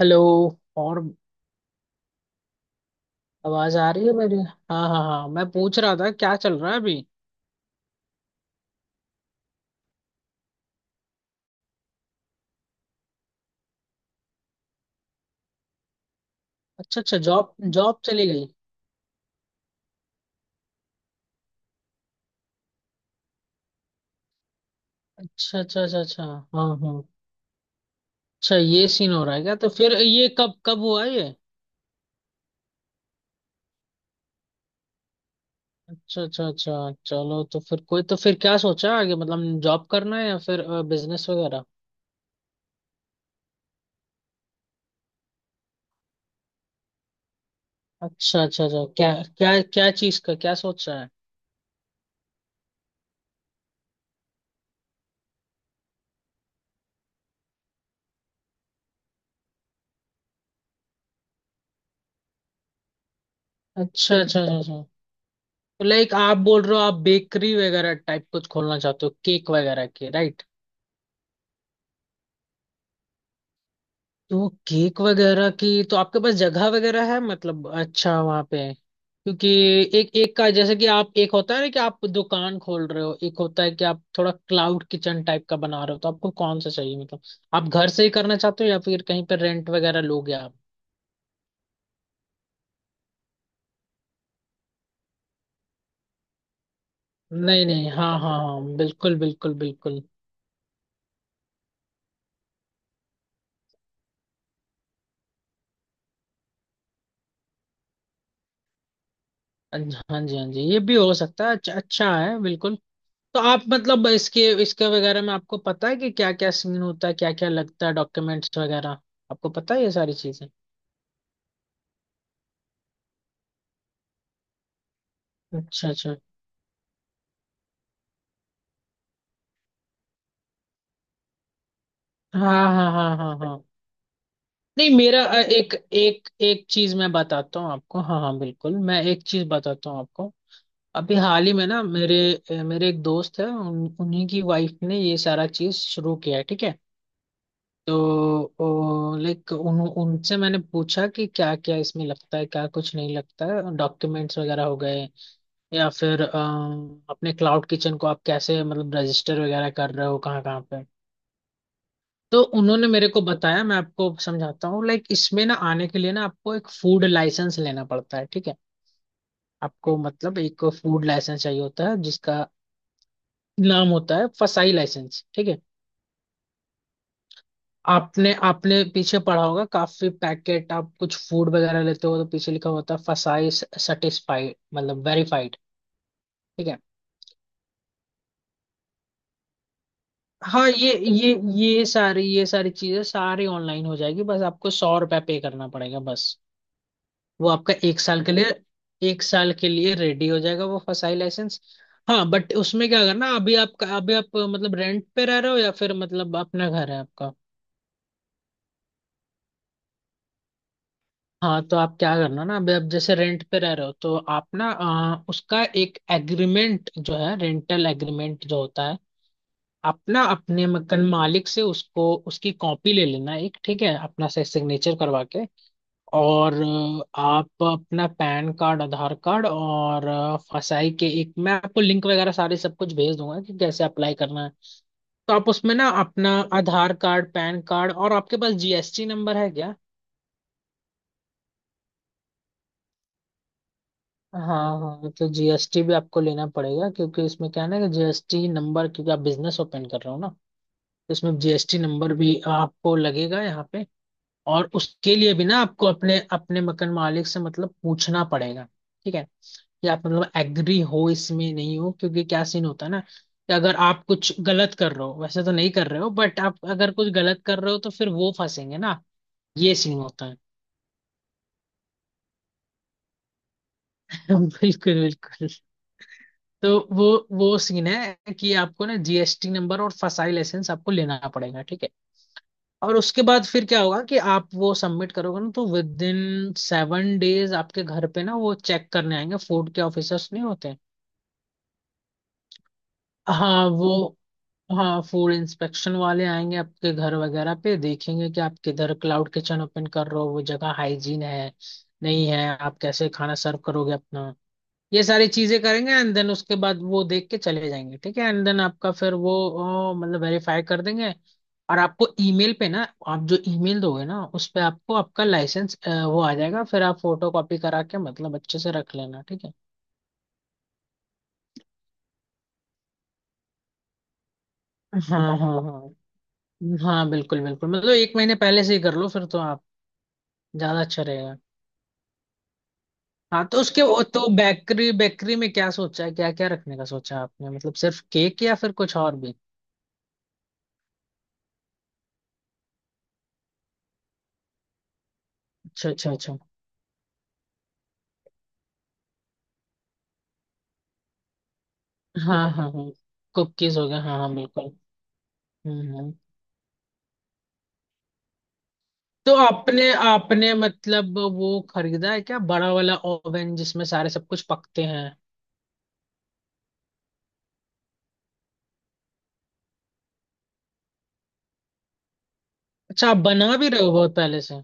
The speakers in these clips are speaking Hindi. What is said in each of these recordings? हेलो। और आवाज आ रही है मेरी। हाँ, हाँ, हाँ, मैं पूछ रहा था क्या चल रहा है अभी? अच्छा, अच्छा, जॉब जॉब चली गई। अच्छा, अच्छा, अच्छा, अच्छा। हाँ, हाँ। अच्छा, ये सीन हो रहा है क्या? तो फिर ये कब कब हुआ ये? अच्छा, अच्छा, अच्छा, चलो, तो फिर क्या सोचा आगे, मतलब जॉब करना है या फिर बिजनेस वगैरह? अच्छा, अच्छा, अच्छा, क्या क्या क्या चीज का क्या सोचा है? अच्छा, अच्छा, अच्छा, अच्छा। तो लाइक आप बोल रहे हो, आप बेकरी वगैरह टाइप कुछ खोलना चाहते हो, केक वगैरह की, राइट? तो केक वगैरह की तो आपके पास जगह वगैरह है मतलब? अच्छा, वहाँ पे क्योंकि एक एक का, जैसे कि आप एक होता है ना कि आप दुकान खोल रहे हो, एक होता है कि आप थोड़ा क्लाउड किचन टाइप का बना रहे हो, तो आपको कौन सा चाहिए मतलब? आप घर से ही करना चाहते हो या फिर कहीं पर रेंट वगैरह लोगे आप? नहीं, नहीं, हाँ, हाँ, हाँ, बिल्कुल, बिल्कुल, बिल्कुल। हाँ जी, हाँ जी, ये भी हो सकता है। अच्छा, अच्छा है बिल्कुल। तो आप मतलब इसके इसके वगैरह में आपको पता है कि क्या क्या सीन होता है, क्या क्या लगता है, डॉक्यूमेंट्स वगैरह आपको पता है ये सारी चीजें? अच्छा, अच्छा। हाँ, हाँ, हाँ, हाँ, हाँ। नहीं, मेरा एक एक एक चीज मैं बताता हूँ आपको, हाँ, हाँ, बिल्कुल, मैं एक चीज बताता हूँ आपको। अभी हाल ही में ना मेरे एक दोस्त है, उन्हीं की वाइफ ने ये सारा चीज शुरू किया है, ठीक है। तो लाइक उन उनसे मैंने पूछा कि क्या क्या इसमें लगता है, क्या कुछ नहीं लगता है, डॉक्यूमेंट्स वगैरह हो गए या फिर अपने क्लाउड किचन को आप कैसे मतलब रजिस्टर वगैरह कर रहे हो, कहाँ कहाँ पे? तो उन्होंने मेरे को बताया, मैं आपको समझाता हूँ। लाइक इसमें ना आने के लिए ना आपको एक फूड लाइसेंस लेना पड़ता है, ठीक है। आपको मतलब एक फूड लाइसेंस चाहिए होता है जिसका नाम होता है फसाई लाइसेंस, ठीक है। आपने आपने पीछे पढ़ा होगा, काफी पैकेट आप कुछ फूड वगैरह लेते हो तो पीछे लिखा होता है फसाई सेटिस्फाइड मतलब वेरीफाइड। ठीक है। हाँ, ये सारी चीजें सारी ऑनलाइन हो जाएगी, बस आपको 100 रुपया पे करना पड़ेगा बस। वो आपका एक साल के लिए रेडी हो जाएगा वो फसाई लाइसेंस। हाँ, बट उसमें क्या करना, अभी आप मतलब रेंट पे रह रहे हो या फिर मतलब अपना घर है आपका? हाँ, तो आप क्या करना ना, अभी आप जैसे रेंट पे रह रहे हो तो आप ना उसका एक एग्रीमेंट जो है, रेंटल एग्रीमेंट जो होता है अपना, अपने मकान मालिक से उसको, उसकी कॉपी ले लेना एक, ठीक है, अपना से सिग्नेचर करवा के। और आप अपना पैन कार्ड, आधार कार्ड और फसाई के, एक मैं आपको लिंक वगैरह सारे सब कुछ भेज दूंगा कि कैसे अप्लाई करना है। तो आप उसमें ना अपना आधार कार्ड, पैन कार्ड और आपके पास जीएसटी नंबर है क्या? हाँ, हाँ। तो जीएसटी भी आपको लेना पड़ेगा क्योंकि इसमें क्या है ना कि जीएसटी नंबर, क्योंकि आप बिजनेस ओपन कर रहे हो ना, तो इसमें जीएसटी नंबर भी आपको लगेगा यहाँ पे। और उसके लिए भी ना आपको अपने अपने मकान मालिक से मतलब पूछना पड़ेगा, ठीक है, कि आप मतलब एग्री हो इसमें नहीं हो, क्योंकि क्या सीन होता है ना कि अगर आप कुछ गलत कर रहे हो, वैसे तो नहीं कर रहे हो बट आप अगर कुछ गलत कर रहे हो तो फिर वो फंसेंगे ना, ये सीन होता है। बिल्कुल, बिल्कुल। तो वो वो सीन है कि आपको ना जीएसटी नंबर और फसाई लाइसेंस आपको लेना पड़ेगा, ठीक है। और उसके बाद फिर क्या होगा कि आप वो सबमिट करोगे ना, तो विद इन 7 डेज आपके घर पे ना वो चेक करने आएंगे, फूड के ऑफिसर्स नहीं होते, हाँ वो हाँ फूड इंस्पेक्शन वाले आएंगे आपके घर वगैरह पे, देखेंगे कि आप किधर क्लाउड किचन ओपन कर रहे हो, वो जगह हाइजीन है नहीं है, आप कैसे खाना सर्व करोगे अपना, ये सारी चीजें करेंगे। एंड देन उसके बाद वो देख के चले जाएंगे, ठीक है। एंड देन आपका फिर वो मतलब वेरीफाई कर देंगे और आपको ईमेल पे ना, आप जो ईमेल दोगे ना उस पे आपको आपका लाइसेंस वो आ जाएगा, फिर आप फोटो कॉपी करा के मतलब अच्छे से रख लेना, ठीक है। हाँ, हाँ, हाँ, हाँ, बिल्कुल, बिल्कुल, मतलब एक महीने पहले से ही कर लो फिर तो आप ज्यादा अच्छा रहेगा। हाँ, तो उसके वो तो बेकरी, बेकरी में क्या सोचा है, क्या क्या रखने का सोचा है आपने, मतलब सिर्फ केक या फिर कुछ और भी? अच्छा, अच्छा, अच्छा। हाँ हाँ, हाँ, कुकीज हो गया, हाँ, हाँ, बिल्कुल। हम्म, तो आपने आपने मतलब वो खरीदा है क्या बड़ा वाला ओवन जिसमें सारे सब कुछ पकते हैं? अच्छा, आप बना भी रहे हो बहुत पहले से।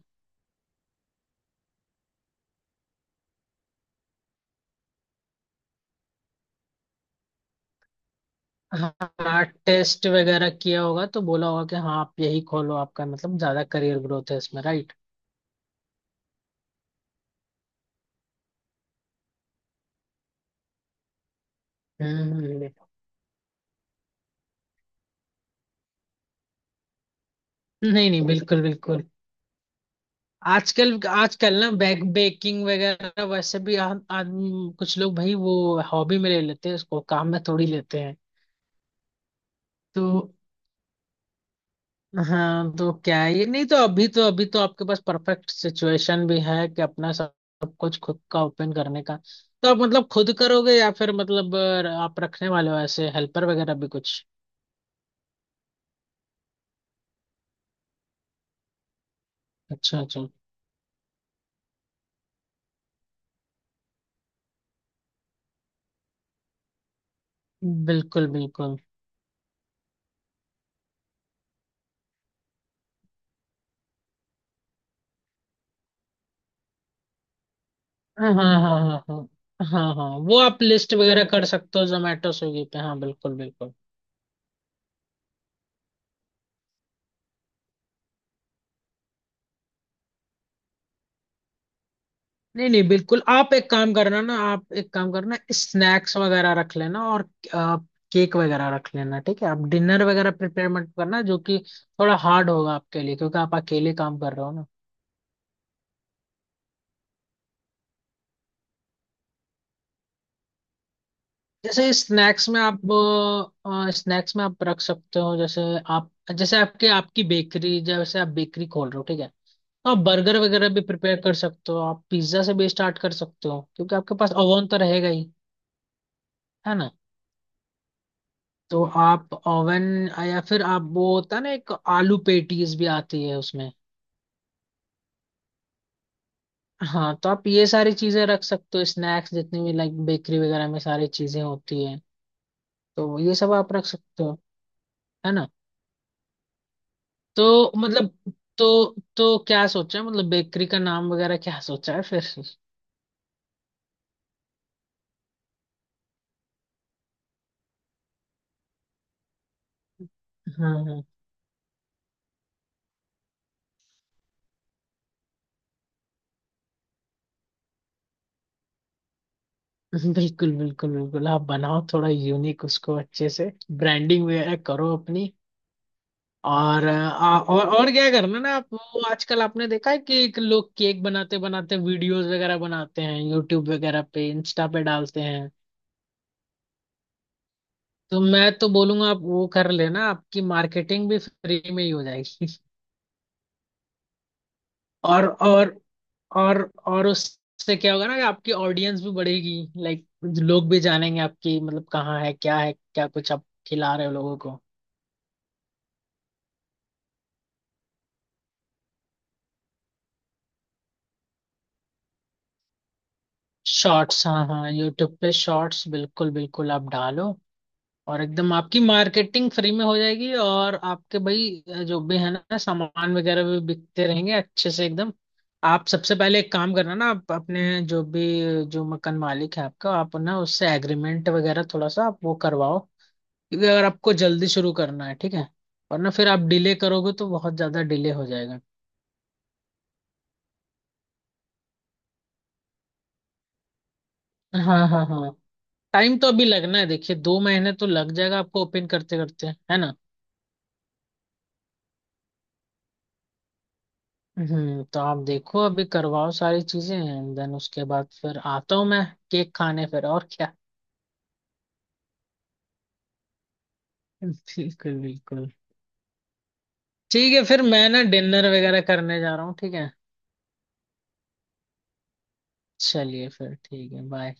हाँ, टेस्ट वगैरह किया होगा तो बोला होगा कि हाँ आप यही खोलो, आपका मतलब ज्यादा करियर ग्रोथ है इसमें, राइट? हम्म, नहीं, नहीं, बिल्कुल, बिल्कुल। आजकल आजकल ना बैक बेकिंग वगैरह वैसे भी आदमी, कुछ लोग भाई वो हॉबी में ले लेते हैं, उसको काम में थोड़ी लेते हैं। तो हाँ, तो क्या ये, नहीं तो अभी तो आपके पास परफेक्ट सिचुएशन भी है कि अपना सब सब कुछ खुद का ओपन करने का। तो आप मतलब खुद करोगे या फिर मतलब आप रखने वाले हो ऐसे हेल्पर वगैरह भी कुछ? अच्छा, अच्छा, बिल्कुल, बिल्कुल। हाँ, हाँ, हाँ, हाँ, हाँ, हाँ, हाँ, वो आप लिस्ट वगैरह कर सकते हो जोमेटो स्विगी पे, हाँ, बिल्कुल, बिल्कुल। नहीं, नहीं, बिल्कुल, आप एक काम करना ना, आप एक काम करना, स्नैक्स वगैरह रख लेना और केक वगैरह रख लेना, ठीक है। आप डिनर वगैरह प्रिपेयर मत करना जो कि थोड़ा हार्ड होगा आपके लिए क्योंकि आप अकेले काम कर रहे हो ना। जैसे स्नैक्स में आप रख सकते हो, जैसे आप, जैसे आपके, आपकी बेकरी, जैसे आप बेकरी खोल रहे हो, ठीक है। तो आप बर्गर वगैरह भी प्रिपेयर कर सकते हो, आप पिज्जा से भी स्टार्ट कर सकते हो क्योंकि आपके पास ओवन तो रहेगा ही, है ना? तो आप ओवन या फिर आप वो होता है ना एक आलू पेटीज भी आती है उसमें। हाँ, तो आप ये सारी चीजें रख सकते हो, स्नैक्स जितनी भी लाइक बेकरी वगैरह में सारी चीजें होती है तो ये सब आप रख सकते हो, है ना? तो मतलब, तो क्या सोचा है मतलब बेकरी का नाम वगैरह क्या सोचा है फिर? हाँ, हाँ, बिल्कुल, बिल्कुल, बिल्कुल, आप बनाओ थोड़ा यूनिक, उसको अच्छे से ब्रांडिंग वगैरह करो अपनी। और और क्या करना ना, आप वो आजकल आपने देखा है कि एक लोग केक बनाते बनाते वीडियोस वगैरह बनाते हैं यूट्यूब वगैरह पे, इंस्टा पे डालते हैं, तो मैं तो बोलूंगा आप वो कर लेना, आपकी मार्केटिंग भी फ्री में ही हो जाएगी। और और और और उससे क्या होगा ना कि आपकी ऑडियंस भी बढ़ेगी, लाइक लोग भी जानेंगे आपकी, मतलब कहाँ है, क्या है, क्या कुछ आप खिला रहे हो लोगों को। शॉर्ट्स, हाँ, हाँ, यूट्यूब पे शॉर्ट्स, बिल्कुल, बिल्कुल, आप डालो और एकदम आपकी मार्केटिंग फ्री में हो जाएगी, और आपके भाई जो भी है ना सामान वगैरह भी बिकते रहेंगे अच्छे से एकदम। आप सबसे पहले एक काम करना ना, आप अपने जो भी जो मकान मालिक है आपका, आप ना उससे एग्रीमेंट वगैरह थोड़ा सा आप वो करवाओ, क्योंकि अगर आपको जल्दी शुरू करना है ठीक है, वरना फिर आप डिले करोगे तो बहुत ज्यादा डिले हो जाएगा। हाँ, हाँ, हाँ, टाइम तो अभी लगना है, देखिए 2 महीने तो लग जाएगा आपको ओपन करते करते, है ना? हम्म, तो आप देखो अभी करवाओ सारी चीजें एंड देन उसके बाद फिर आता हूँ मैं केक खाने फिर और क्या। बिल्कुल, बिल्कुल। ठीक है फिर, मैं ना डिनर वगैरह करने जा रहा हूँ, ठीक है। चलिए फिर ठीक है, बाय।